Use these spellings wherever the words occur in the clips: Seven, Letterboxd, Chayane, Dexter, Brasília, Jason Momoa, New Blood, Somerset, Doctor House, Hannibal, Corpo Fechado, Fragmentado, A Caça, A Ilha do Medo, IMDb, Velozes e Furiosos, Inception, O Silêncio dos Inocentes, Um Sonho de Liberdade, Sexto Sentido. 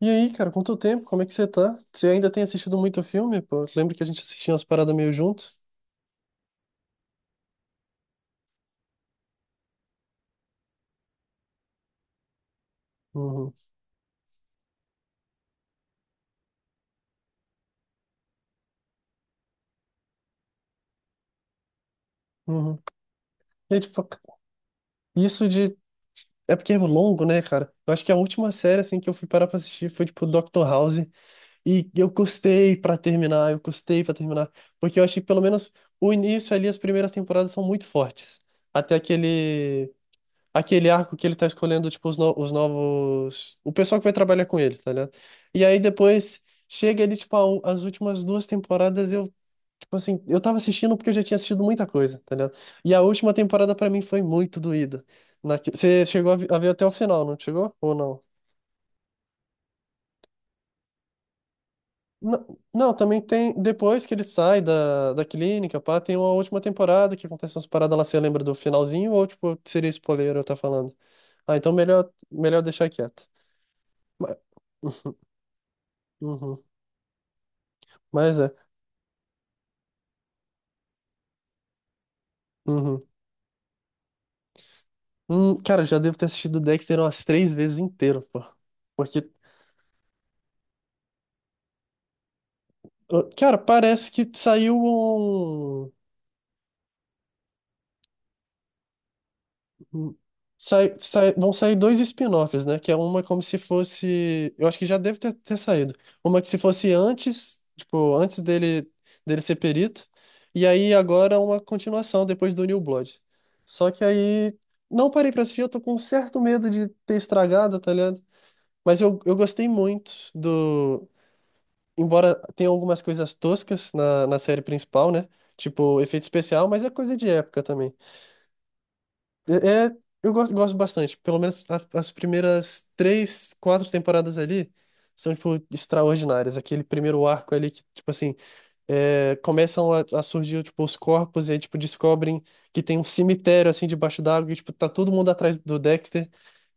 E aí, cara, quanto tempo? Como é que você tá? Você ainda tem assistido muito filme, pô? Lembra que a gente assistia umas paradas meio junto? Uhum, uhum. E, tipo, isso de... é porque é longo, né, cara? Eu acho que a última série, assim, que eu fui parar pra assistir foi, tipo, Doctor House. E eu custei pra terminar, eu custei pra terminar. Porque eu achei que, pelo menos, o início ali, as primeiras temporadas são muito fortes. Até aquele... Aquele arco que ele tá escolhendo, tipo, os, no- os novos. O pessoal que vai trabalhar com ele, tá ligado? E aí depois chega ele, tipo, as últimas duas temporadas, eu, tipo assim, eu tava assistindo porque eu já tinha assistido muita coisa, tá ligado? E a última temporada pra mim foi muito doída. Você chegou a a ver até o final, não chegou? Ou não? Não, não, também tem. Depois que ele sai da clínica, pá, tem uma última temporada que acontece umas paradas lá. Você lembra do finalzinho? Ou, tipo, seria spoiler eu tá falando? Ah, então melhor, melhor deixar quieto. Uhum. Mas é. Uhum. Cara, já devo ter assistido Dexter umas três vezes inteiro, pô. Porque, cara, parece que saiu um. um- Sai, vão sair dois spin-offs, né? Que é uma como se fosse. Eu acho que já deve ter, ter saído. Uma que se fosse antes, tipo, antes dele, dele ser perito. E aí agora uma continuação depois do New Blood. Só que aí. Não parei pra assistir, eu tô com um certo medo de ter estragado, tá ligado? Mas eu gostei muito do. Embora tenha algumas coisas toscas na série principal, né? Tipo, efeito especial, mas é coisa de época também. É, eu gosto, gosto bastante. Pelo menos as primeiras três, quatro temporadas ali são, tipo, extraordinárias. Aquele primeiro arco ali que, tipo assim é, começam a surgir, tipo, os corpos e aí, tipo, descobrem que tem um cemitério, assim, debaixo d'água e, tipo, tá todo mundo atrás do Dexter.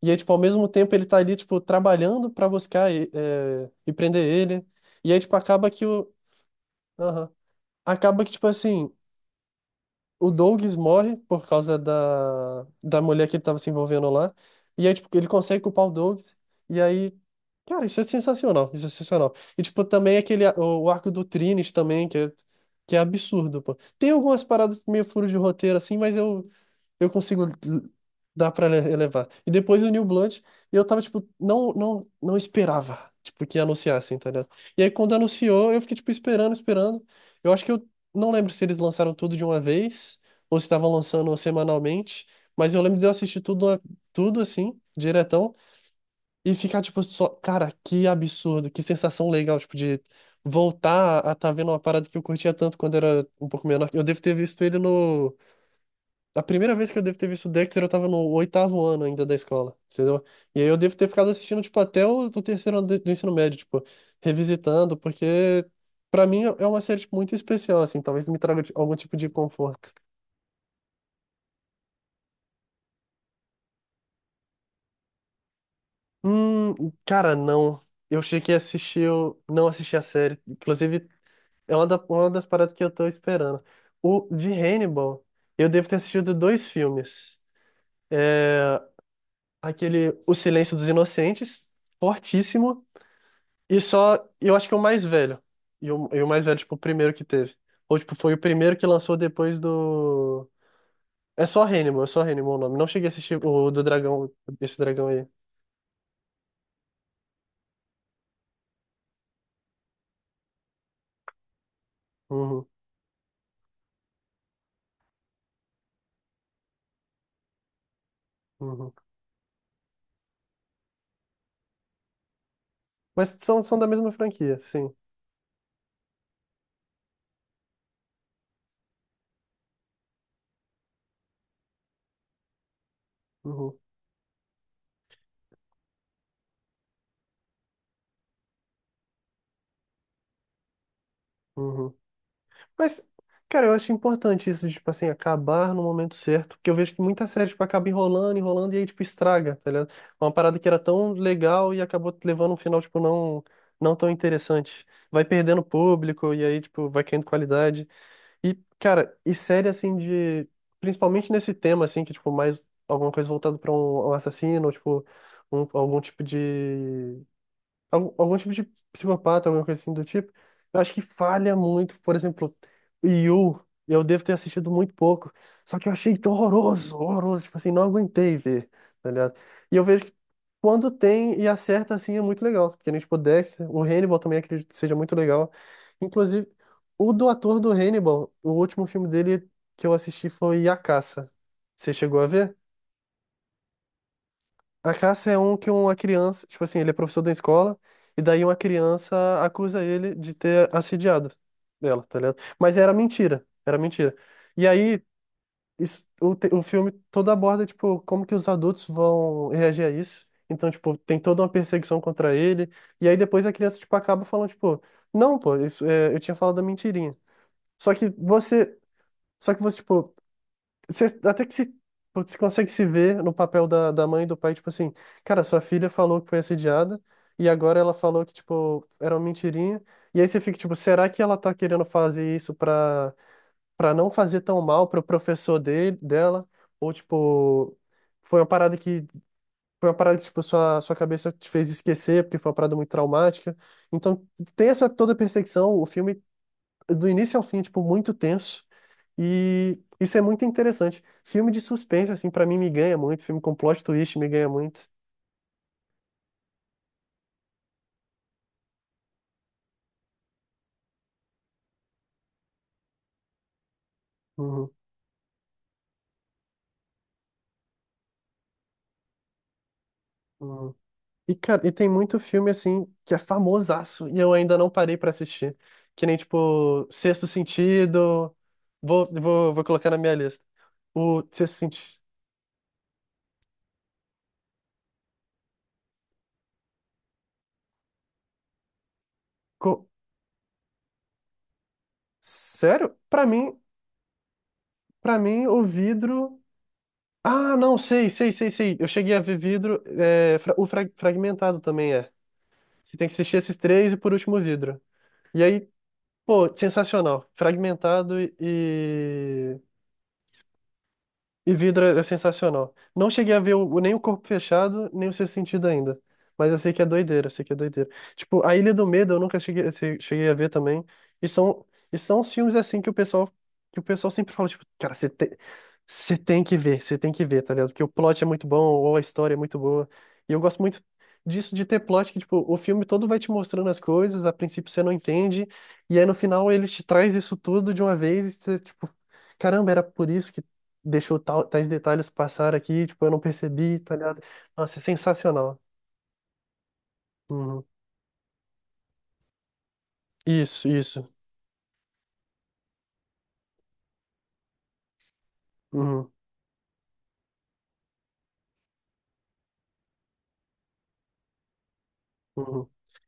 E aí, tipo, ao mesmo tempo ele tá ali, tipo, trabalhando pra buscar e, é, e prender ele. E aí, tipo, Aham. Acaba que, tipo, assim, o Douglas morre por causa da mulher que ele tava se envolvendo lá. E aí, tipo, ele consegue culpar o Douglas. E aí, cara, isso é sensacional, isso é sensacional. E, tipo, também aquele, o arco do Trines também, que é absurdo, pô. Tem algumas paradas meio furo de roteiro, assim, mas eu consigo dar pra elevar. E depois do New Blood, eu tava, tipo, não, não, não esperava, tipo, que anunciassem, tá ligado? E aí, quando anunciou, eu fiquei, tipo, esperando, esperando. Eu acho que eu não lembro se eles lançaram tudo de uma vez, ou se estavam lançando semanalmente, mas eu lembro de eu assistir tudo, tudo assim, diretão. E ficar, tipo, só. Cara, que absurdo, que sensação legal, tipo, de voltar a tá vendo uma parada que eu curtia tanto quando era um pouco menor. Eu devo ter visto ele no. A primeira vez que eu devo ter visto o Dexter, eu tava no 8º ano ainda da escola, entendeu? E aí eu devo ter ficado assistindo, tipo, até o terceiro ano do ensino médio, tipo, revisitando, porque pra mim é uma série, tipo, muito especial, assim, talvez me traga algum tipo de conforto. Hum, cara, não. Eu cheguei a assistir, eu não assisti a série. Inclusive. É uma, uma das paradas que eu tô esperando. O de Hannibal, eu devo ter assistido dois filmes. É, aquele O Silêncio dos Inocentes, fortíssimo, e só, eu acho que é o mais velho. E o mais velho, tipo, o primeiro que teve. Ou, tipo, foi o primeiro que lançou depois do... é só Hannibal o nome. Não cheguei a assistir o do dragão, esse dragão aí. Uhum, uhum. Mas são, são da mesma franquia, sim. Uhum, uhum. Mas, cara, eu acho importante isso, de, tipo assim, acabar no momento certo, porque eu vejo que muita série, tipo, acaba enrolando, enrolando e aí, tipo, estraga, tá ligado? Uma parada que era tão legal e acabou levando um final, tipo, não, não tão interessante. Vai perdendo público e aí, tipo, vai caindo qualidade. E, cara, e série, assim, de... Principalmente nesse tema, assim, que, tipo, mais alguma coisa voltada pra um, um assassino, ou, tipo, algum tipo de algum, algum tipo de psicopata, alguma coisa assim do tipo. Eu acho que falha muito, por exemplo, Yu, eu devo ter assistido muito pouco, só que eu achei tão horroroso, horroroso, tipo assim, não aguentei ver, tá ligado? E eu vejo que quando tem e acerta, assim, é muito legal, porque, nem tipo, Dexter, o Hannibal também acredito que seja muito legal, inclusive, o do ator do Hannibal, o último filme dele que eu assisti foi A Caça, você chegou a ver? A caça é um que uma criança, tipo assim, ele é professor da escola, e daí uma criança acusa ele de ter assediado ela, tá ligado? Mas era mentira, era mentira. E aí, isso, o filme todo aborda, tipo, como que os adultos vão reagir a isso. Então, tipo, tem toda uma perseguição contra ele, e aí depois a criança, tipo, acaba falando, tipo, não, pô, isso, é, eu tinha falado a mentirinha. Só que você, só que você, tipo, você, até que se, putz, você consegue se ver no papel da mãe e do pai, tipo assim, cara, sua filha falou que foi assediada e agora ela falou que, tipo, era uma mentirinha. E aí você fica, tipo, será que ela tá querendo fazer isso pra, pra não fazer tão mal pro professor dele, dela? Ou, tipo, foi uma parada que, foi uma parada que, tipo, sua, sua cabeça te fez esquecer porque foi uma parada muito traumática. Então, tem essa toda perseguição, o filme do início ao fim, tipo, muito tenso. E isso é muito interessante. Filme de suspense, assim, pra mim me ganha muito. Filme com plot twist me ganha muito. Uhum, uhum. E, cara, e tem muito filme, assim, que é famosaço e eu ainda não parei pra assistir. Que nem, tipo, Sexto Sentido. Vou, vou, vou colocar na minha lista. O Sexto Sentido. Co- Sério? Pra mim, o vidro. Ah, não, sei, sei, sei, sei. Eu cheguei a ver vidro. É, o fragmentado também é. Você tem que assistir esses três e por último o vidro. E aí, pô, sensacional. Fragmentado e vidro é é sensacional. Não cheguei a ver nem o Corpo Fechado, nem o Sexto Sentido ainda. Mas eu sei que é doideira, eu sei que é doideira. Tipo, A Ilha do Medo eu nunca cheguei, cheguei a ver também. E são, e são os filmes assim que o pessoal sempre fala, tipo, cara, você tem que ver, você tem que ver, tá ligado? Porque o plot é muito bom, ou a história é muito boa. E eu gosto muito disso, de ter plot que, tipo, o filme todo vai te mostrando as coisas, a princípio você não entende, e aí no final ele te traz isso tudo de uma vez, e você, tipo, caramba, era por isso que deixou tal, tais detalhes passar aqui, tipo, eu não percebi, tá ligado? Nossa, é sensacional. Uhum. Isso, isso. Uhum, uhum.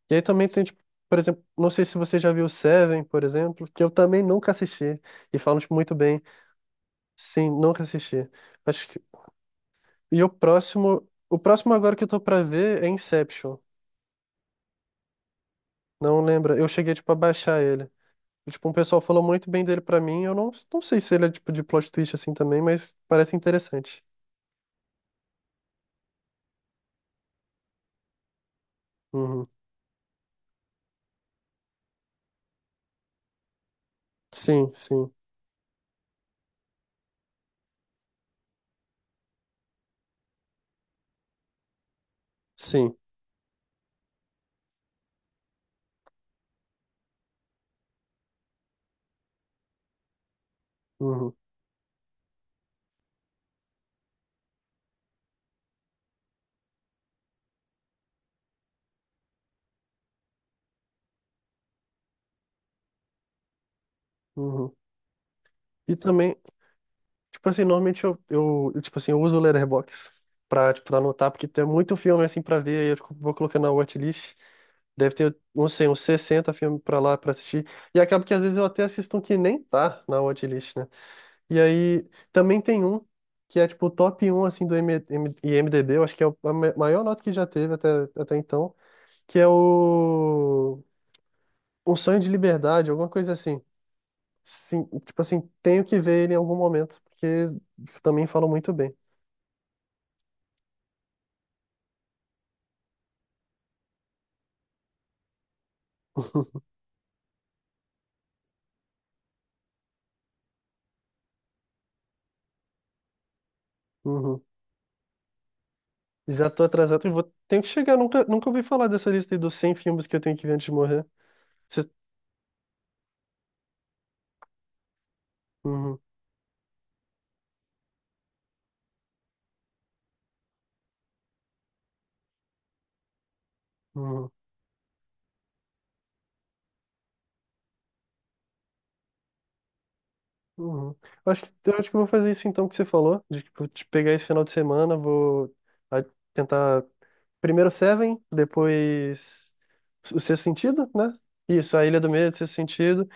E aí também tem, tipo, por exemplo, não sei se você já viu Seven, por exemplo, que eu também nunca assisti, e falam, tipo, muito bem. Sim, nunca assisti. Acho que... E o próximo agora que eu tô pra ver é Inception. Não lembra, eu cheguei, tipo, a baixar ele. E, tipo, um pessoal falou muito bem dele pra mim, eu não, não sei se ele é, tipo, de plot twist assim também, mas parece interessante. Uhum. Sim, sim. Sim. Uhum, uhum. E também, tipo assim, normalmente eu, tipo assim, eu uso o Letterboxd pra, tipo, anotar, porque tem muito filme, assim, pra ver, aí eu vou colocando na watchlist. Deve ter, não sei, uns 60 filmes pra lá, pra assistir. E acaba que às vezes eu até assisto um que nem tá na watchlist, né? E aí, também tem um que é, tipo, o top um assim, do M M IMDb, eu acho que é maior nota que já teve até, até então, que é o... Um Sonho de Liberdade, alguma coisa assim. Sim, tipo assim, tenho que ver ele em algum momento, porque também falam muito bem. Uhum. Já tô atrasado e vou... tenho que chegar. Nunca, nunca ouvi falar dessa lista aí dos 100 filmes que eu tenho que ver antes de morrer. Cê- Uhum, uhum, uhum. Eu acho que, eu acho que eu vou fazer isso então que você falou, de, tipo, de pegar esse final de semana, vou a- tentar primeiro Seven, depois o Sexto Sentido, né? Isso, A Ilha do Medo, Sexto Sentido.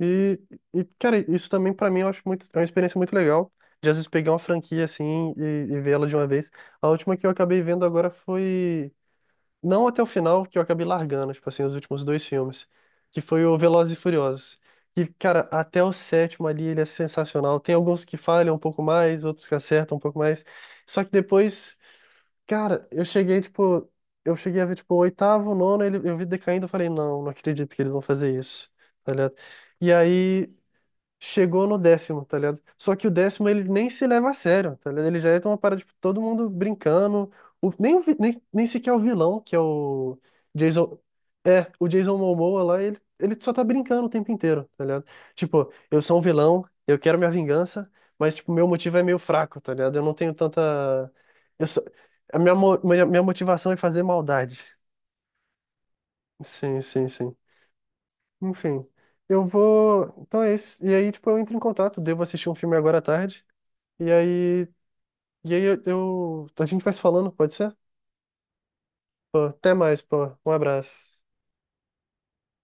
E, e, cara, isso também pra mim eu acho muito, é uma experiência muito legal. De às vezes pegar uma franquia assim e ver ela de uma vez. A última que eu acabei vendo agora foi. Não até o final, que eu acabei largando, tipo assim, os últimos dois filmes. Que foi o Velozes e Furiosos. E, cara, até o sétimo ali ele é sensacional. Tem alguns que falham um pouco mais, outros que acertam um pouco mais. Só que depois, cara, eu cheguei, tipo. Eu cheguei a ver, tipo, o oitavo, o nono, ele, eu vi decaindo, eu falei, não, não acredito que eles vão fazer isso. Tá ligado? E aí chegou no décimo, tá ligado? Só que o décimo ele nem se leva a sério, tá ligado? Ele já é uma parada, tipo, todo mundo brincando. Nem sequer é o vilão, que é o Jason. É, o Jason Momoa lá, ele só tá brincando o tempo inteiro, tá ligado? Tipo, eu sou um vilão, eu quero minha vingança, mas, tipo, meu motivo é meio fraco, tá ligado? Eu não tenho tanta. Eu só... A minha, minha motivação é fazer maldade. Sim, sim, sim. Enfim, eu vou. Então é isso. E aí, tipo, eu entro em contato, devo assistir um filme agora à tarde. E aí, e aí eu... A gente vai se falando, pode ser? Pô, até mais, pô. Um abraço.